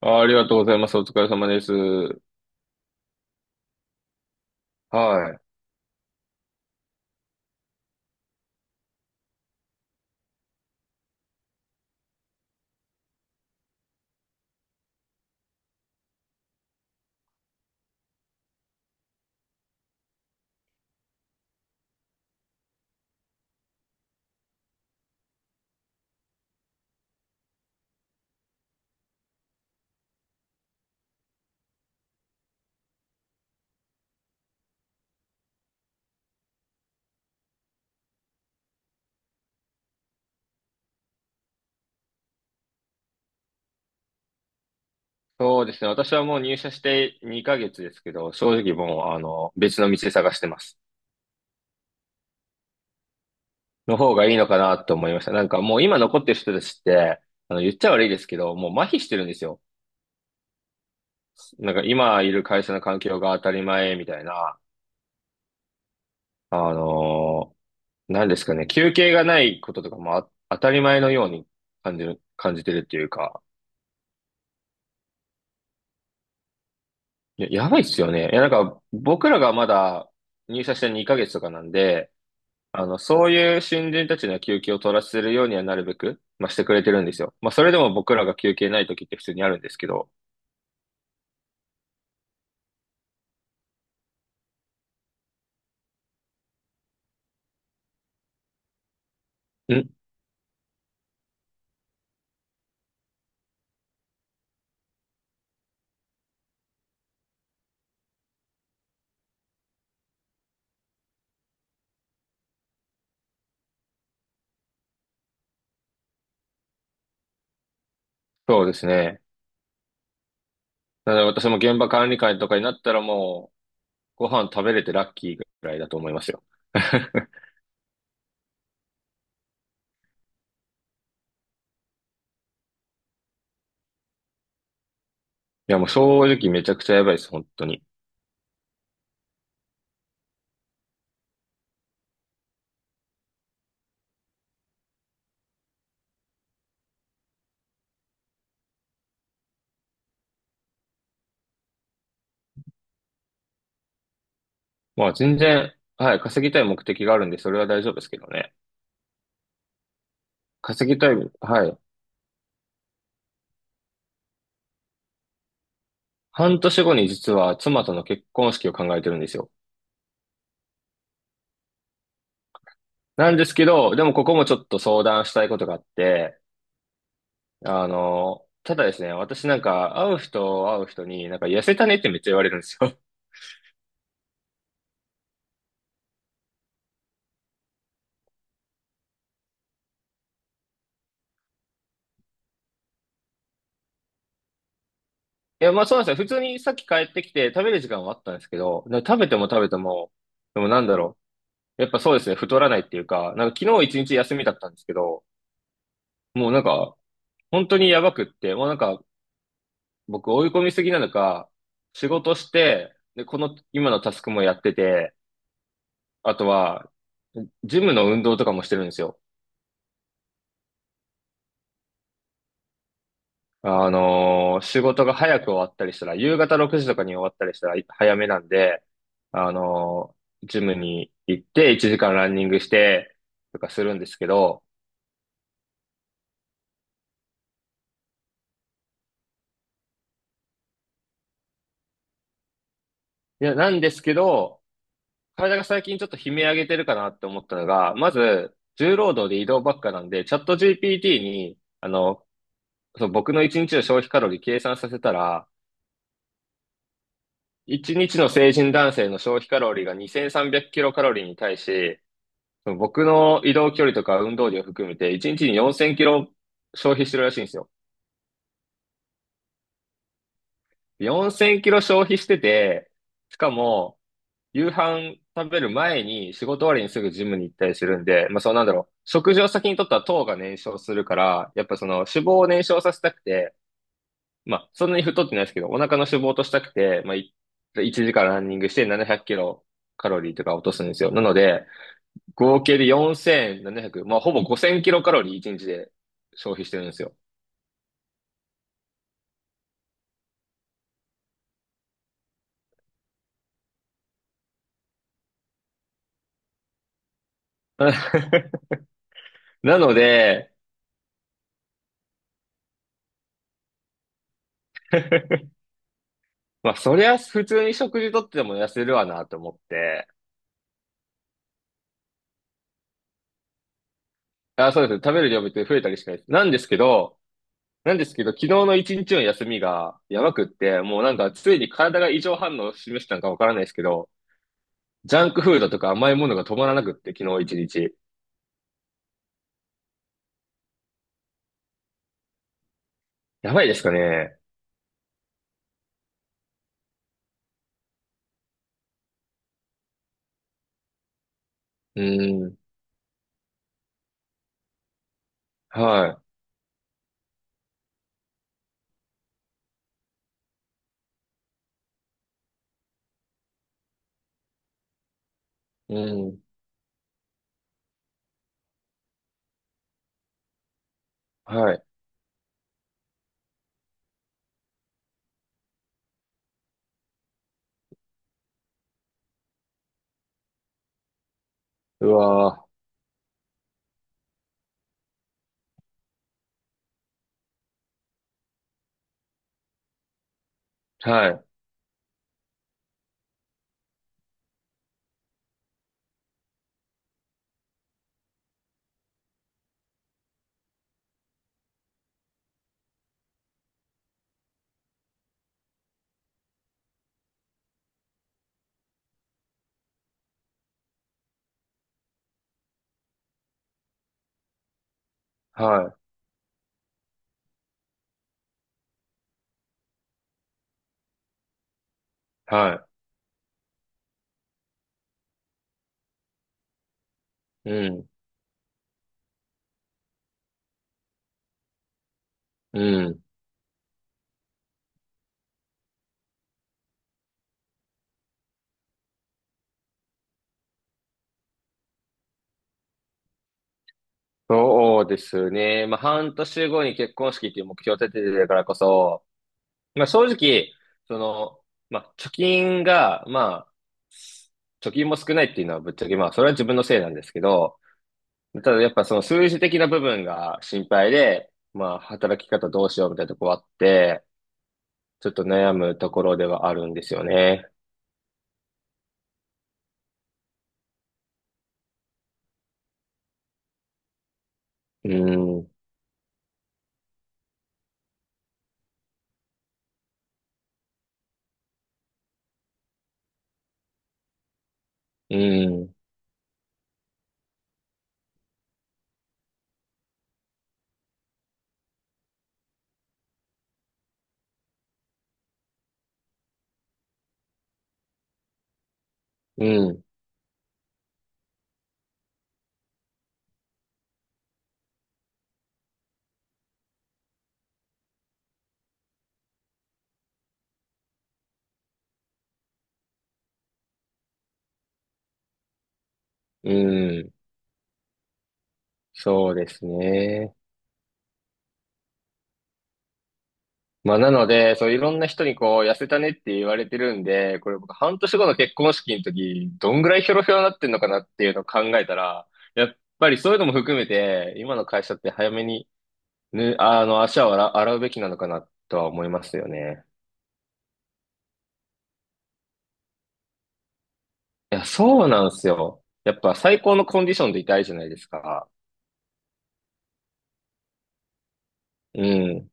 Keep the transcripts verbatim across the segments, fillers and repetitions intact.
あありがとうございます。お疲れ様です。はい。そうですね。私はもう入社してにかげつですけど、正直もう、あの、別の道探してます。の方がいいのかなと思いました。なんかもう今残ってる人たちって、あの、言っちゃ悪いですけど、もう麻痺してるんですよ。なんか今いる会社の環境が当たり前みたいな、あのなんですかね、休憩がないこととかもあ当たり前のように感じる、感じてるっていうか、いや、やばいっすよね。いや、なんか僕らがまだ入社してにかげつとかなんで、あの、そういう新人たちの休憩を取らせるようにはなるべく、まあ、してくれてるんですよ。まあ、それでも僕らが休憩ない時って普通にあるんですけど。んそうですね。なので私も現場管理官とかになったらもう、ご飯食べれてラッキーぐらいだと思いますよ。いや、もう正直めちゃくちゃやばいです、本当に。まあ、全然、はい、稼ぎたい目的があるんで、それは大丈夫ですけどね。稼ぎたい、はい。半年後に実は妻との結婚式を考えてるんですよ。なんですけど、でもここもちょっと相談したいことがあって、あの、ただですね、私なんか会う人会う人になんか痩せたねってめっちゃ言われるんですよ。いや、まあそうなんですよ。普通にさっき帰ってきて食べる時間はあったんですけど、でも食べても食べても、でもなんだろう。やっぱそうですね、太らないっていうか、なんか昨日一日休みだったんですけど、もうなんか本当にやばくって、もうなんか僕追い込みすぎなのか、仕事して、で、この今のタスクもやってて、あとは、ジムの運動とかもしてるんですよ。あのー仕事が早く終わったりしたら、夕方ろくじとかに終わったりしたら早めなんで、あのージムに行っていちじかんランニングしてとかするんですけど、いや、なんですけど、体が最近ちょっと悲鳴上げてるかなって思ったのが、まず、重労働で移動ばっかなんで、チャット ジーピーティー に、あの、そう、僕のいちにちの消費カロリー計算させたら、いちにちの成人男性の消費カロリーがにせんさんびゃくキロカロリーに対し、その僕の移動距離とか運動量含めて、いちにちによんせんキロ消費してるらしいんですよ。よんせんキロ消費してて、しかも、夕飯食べる前に仕事終わりにすぐジムに行ったりするんで、まあそうなんだろう。食事を先にとったら糖が燃焼するから、やっぱその脂肪を燃焼させたくて、まあそんなに太ってないですけど、お腹の脂肪を落としたくて、まあいちじかんランニングしてななひゃくキロカロリーとか落とすんですよ。なので、合計でよんせんななひゃく、まあ、ほぼごせんキロカロリーいちにちで消費してるんですよ。なので、まあ、そりゃ普通に食事とっても痩せるわなと思って、あ、そうです。食べる量別に増えたりしないです。なんですけど、なんですけど、昨日の一日の休みがやばくって、もうなんかついに体が異常反応を示したのかわからないですけど、ジャンクフードとか甘いものが止まらなくって、昨日一日。やばいですかね。うーん。はい。うーん。はい。うわー。はい。はい。はい。うん。うん。そうですね。まあ、半年後に結婚式っていう目標を立ててるからこそ、まあ、正直、その、まあ、貯金が、まあ、貯金も少ないっていうのはぶっちゃけ、まあ、それは自分のせいなんですけど、ただやっぱその数字的な部分が心配で、まあ、働き方どうしようみたいなとこあって、ちょっと悩むところではあるんですよね。うん。うん。うん。うん。そうですね。まあ、なので、そう、いろんな人にこう、痩せたねって言われてるんで、これ僕、半年後の結婚式の時、どんぐらいヒョロヒョロになってんのかなっていうのを考えたら、やっぱりそういうのも含めて、今の会社って早めに、ぬ、あの、足を洗う、洗うべきなのかなとは思いますよね。いや、そうなんですよ。やっぱ最高のコンディションでいたいじゃないですか。うん。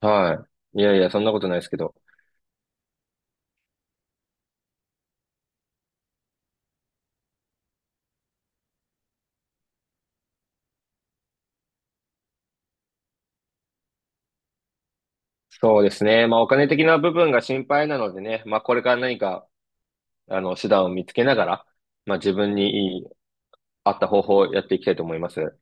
はい。いやいや、そんなことないですけど。そうですね。まあ、お金的な部分が心配なのでね、まあ、これから何か、あの、手段を見つけながら、まあ、自分に合った方法をやっていきたいと思います。